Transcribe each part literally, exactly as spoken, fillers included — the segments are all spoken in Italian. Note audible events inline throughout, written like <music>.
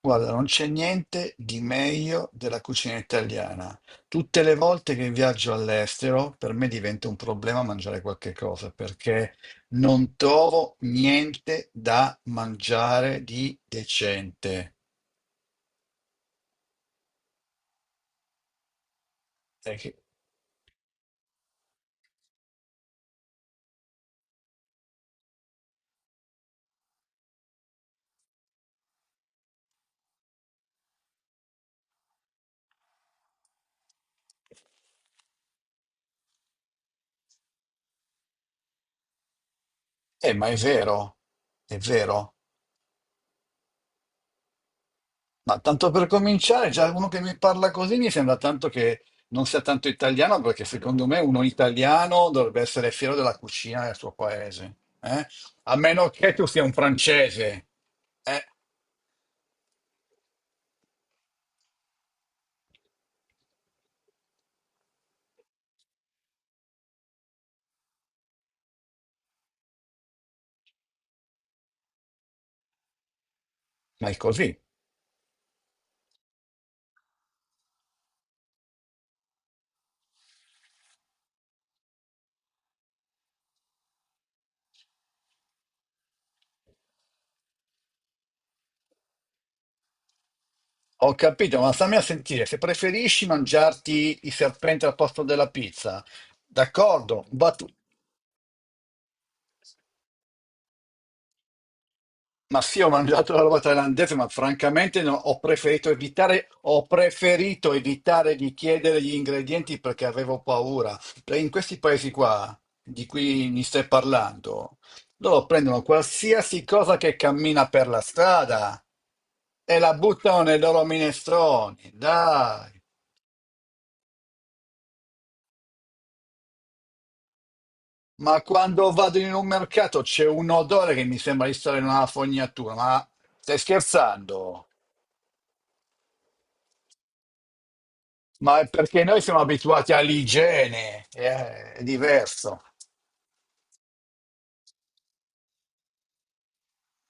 Guarda, non c'è niente di meglio della cucina italiana. Tutte le volte che viaggio all'estero, per me diventa un problema mangiare qualche cosa perché non trovo niente da mangiare di decente. Eh, che- eh, ma è vero, è vero. Ma tanto per cominciare, già uno che mi parla così mi sembra tanto che non sia tanto italiano, perché secondo me uno italiano dovrebbe essere fiero della cucina del suo paese, eh? A meno che tu sia un francese, eh? Ma è così. Ho capito, ma stammi a sentire, se preferisci mangiarti i serpenti al posto della pizza, d'accordo, va tu- ma sì, ho mangiato la roba thailandese, ma francamente no, ho preferito evitare, ho preferito evitare di chiedere gli ingredienti perché avevo paura. Perché in questi paesi qua, di cui mi stai parlando, loro prendono qualsiasi cosa che cammina per la strada e la buttano nei loro minestroni, dai. Ma quando vado in un mercato c'è un odore che mi sembra di stare in una fognatura, ma stai scherzando? Ma è perché noi siamo abituati all'igiene, eh, è diverso.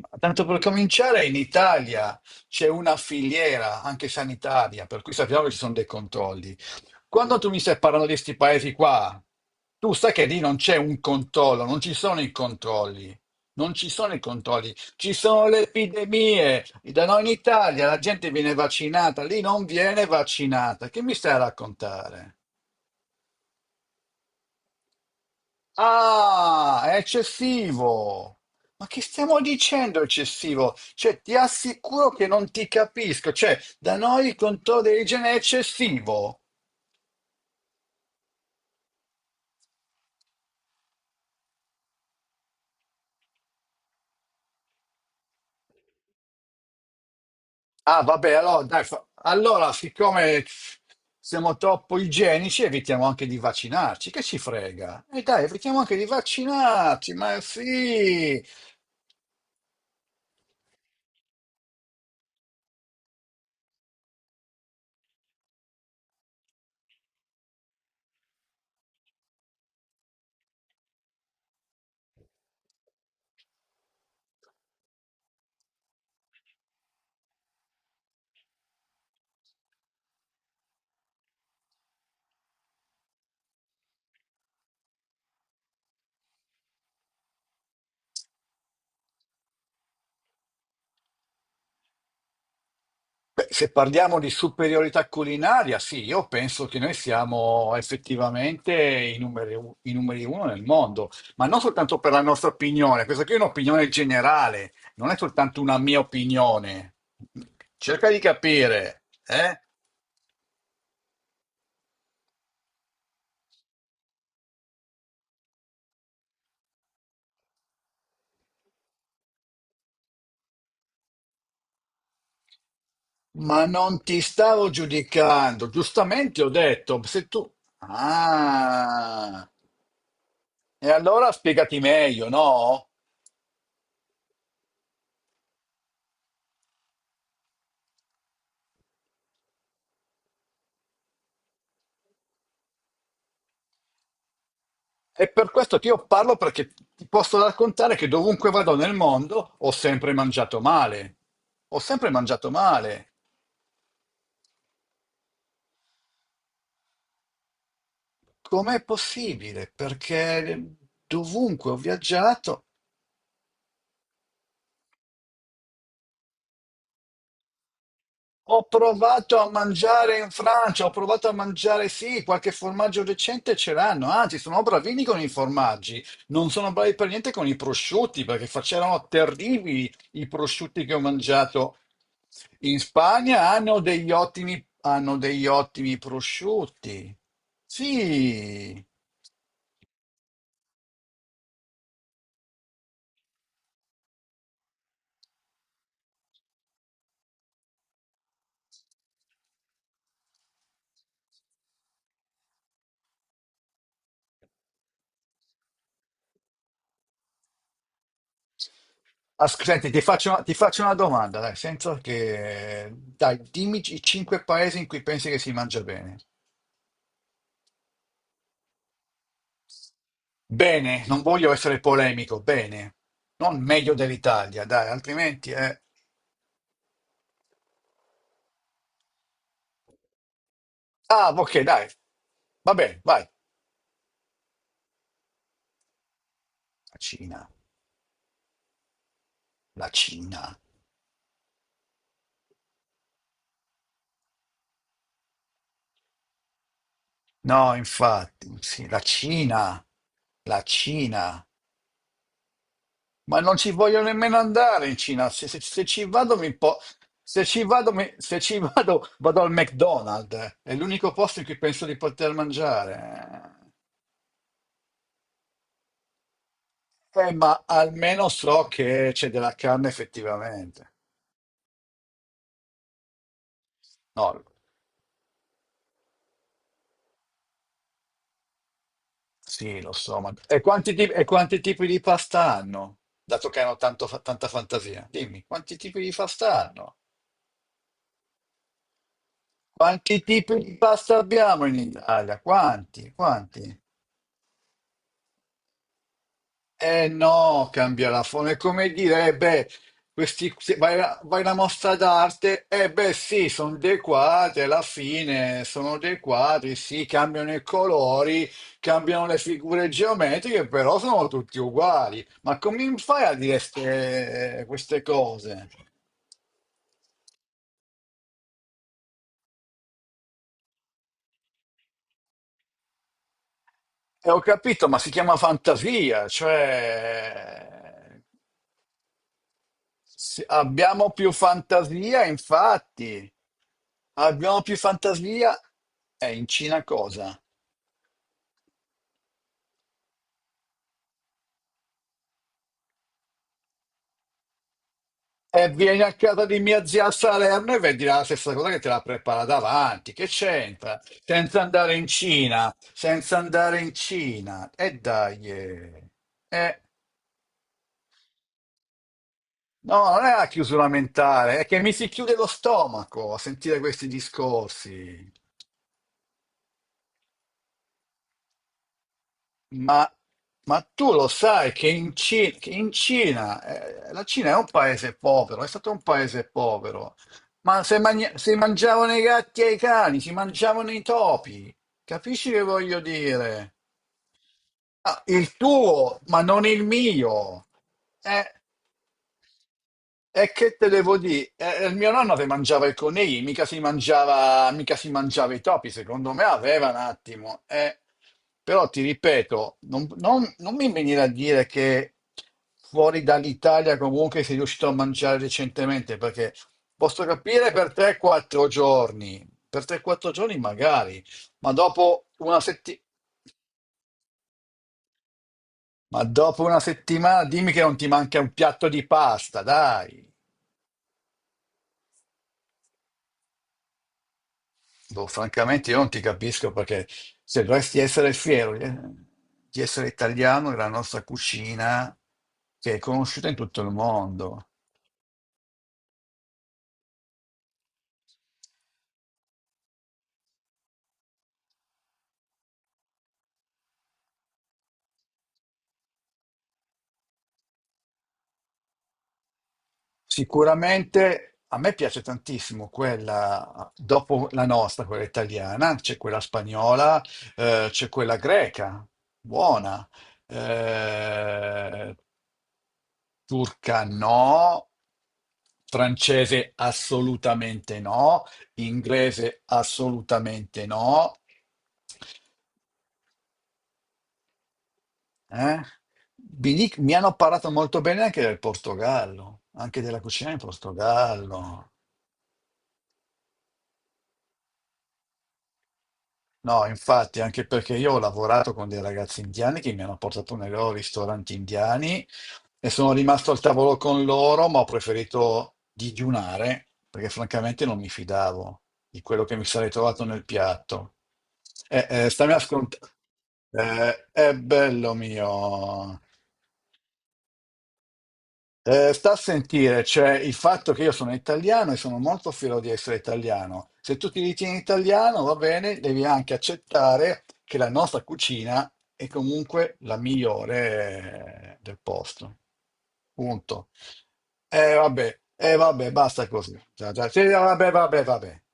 Ma tanto per cominciare, in Italia c'è una filiera anche sanitaria, per cui sappiamo che ci sono dei controlli. Quando tu mi stai parlando di questi paesi qua, tu sai che lì non c'è un controllo, non ci sono i controlli. Non ci sono i controlli, ci sono le epidemie. Da noi in Italia la gente viene vaccinata, lì non viene vaccinata. Che mi stai a raccontare? Ah, è eccessivo. Ma che stiamo dicendo eccessivo? Cioè, ti assicuro che non ti capisco. Cioè, da noi il controllo dell'igiene è eccessivo. Ah, vabbè, allora, dai, fa- allora, siccome siamo troppo igienici, evitiamo anche di vaccinarci. Che ci frega? E dai, evitiamo anche di vaccinarci, ma sì. Beh, se parliamo di superiorità culinaria, sì, io penso che noi siamo effettivamente i numeri, u- i numeri uno nel mondo, ma non soltanto per la nostra opinione, questa qui è un'opinione generale, non è soltanto una mia opinione. Cerca di capire, eh? Ma non ti stavo giudicando, giustamente ho detto, se tu... Ah, e allora spiegati meglio, no? E per questo ti io parlo perché ti posso raccontare che dovunque vado nel mondo ho sempre mangiato male. Ho sempre mangiato male. Com'è possibile? Perché dovunque ho viaggiato. Ho provato a mangiare in Francia, ho provato a mangiare, sì, qualche formaggio decente ce l'hanno, anzi sono bravini con i formaggi, non sono bravi per niente con i prosciutti, perché facevano terribili i prosciutti che ho mangiato. In Spagna hanno degli ottimi, hanno degli ottimi prosciutti. Sì. As- Senti, ti faccio, una- ti faccio una domanda, dai, senza che... Dai, dimmi i cinque paesi in cui pensi che si mangia bene. Bene, non voglio essere polemico, bene. Non meglio dell'Italia, dai, altrimenti è... Ah, ok, dai. Va bene, vai. La Cina, la Cina. No, infatti, sì, la Cina, la Cina. Ma non ci voglio nemmeno andare in Cina. Se, se- se ci vado mi po- se ci vado, mi- se ci <laughs> vado, vado al McDonald's. È l'unico posto in cui penso di poter mangiare. Eh, ma almeno so che c'è della carne effettivamente. No, sì, lo so, ma... E quanti tipi, e quanti tipi di pasta hanno? Dato che hanno tanto fa- tanta fantasia. Dimmi, quanti tipi di pasta hanno? Quanti tipi di pasta abbiamo in Italia? Quanti? Quanti? Eh no, cambia la forma. È come dire, eh beh, questi, se vai, a- vai alla mostra d'arte, eh beh sì, sono dei quadri, alla fine sono dei quadri, sì, cambiano i colori, cambiano le figure geometriche, però sono tutti uguali. Ma come fai a dire ste- queste cose? E ho capito, ma si chiama fantasia, cioè se abbiamo più fantasia, infatti. Abbiamo più fantasia? È in Cina cosa? E vieni a casa di mia zia a Salerno e vedi la stessa cosa che te la prepara davanti. Che c'entra? Senza andare in Cina, senza andare in Cina. E dai. Eh. Eh, no, non è la chiusura mentale, è che mi si chiude lo stomaco a sentire questi discorsi. Ma, ma tu lo sai che in, Ci- che in Cina, eh, la Cina è un paese povero, è stato un paese povero, ma se, magna- si mangiavano i gatti e i cani, si mangiavano i topi, capisci che voglio dire? Ah, il tuo, ma non il mio. Eh, e che te devo dire? Eh, il mio nonno si mangiava i conigli, mica si mangiava, mica si mangiava i topi, secondo me aveva un attimo. Eh. Però ti ripeto, non, non- non mi venire a dire che fuori dall'Italia comunque sei riuscito a mangiare recentemente, perché posso capire per tre quattro giorni, per tre quattro giorni magari, ma dopo una setti- ma dopo una settimana dimmi che non ti manca un piatto di pasta, dai. Boh, francamente io non ti capisco perché se dovresti essere fiero di di essere italiano della nostra cucina che è conosciuta in tutto il mondo. Sicuramente a me piace tantissimo quella dopo la nostra, quella italiana, c'è quella spagnola, eh, c'è quella greca, buona. Eh, Turca no, francese assolutamente no, inglese assolutamente no. Eh. Mi, dic- mi hanno parlato molto bene anche del Portogallo, anche della cucina in Portogallo. No, infatti, anche perché io ho lavorato con dei ragazzi indiani che mi hanno portato nei loro ristoranti indiani e sono rimasto al tavolo con loro, ma ho preferito digiunare perché francamente non mi fidavo di quello che mi sarei trovato nel piatto. Eh, eh, stammi ascolt- Eh, è bello mio. Eh, sta a sentire, cioè il fatto che io sono italiano e sono molto fiero di essere italiano. Se tu ti ritieni italiano, va bene, devi anche accettare che la nostra cucina è comunque la migliore eh, del posto. Punto. Eh, vabbè, eh, vabbè, basta così. Già, già, sì, vabbè, vabbè, vabbè.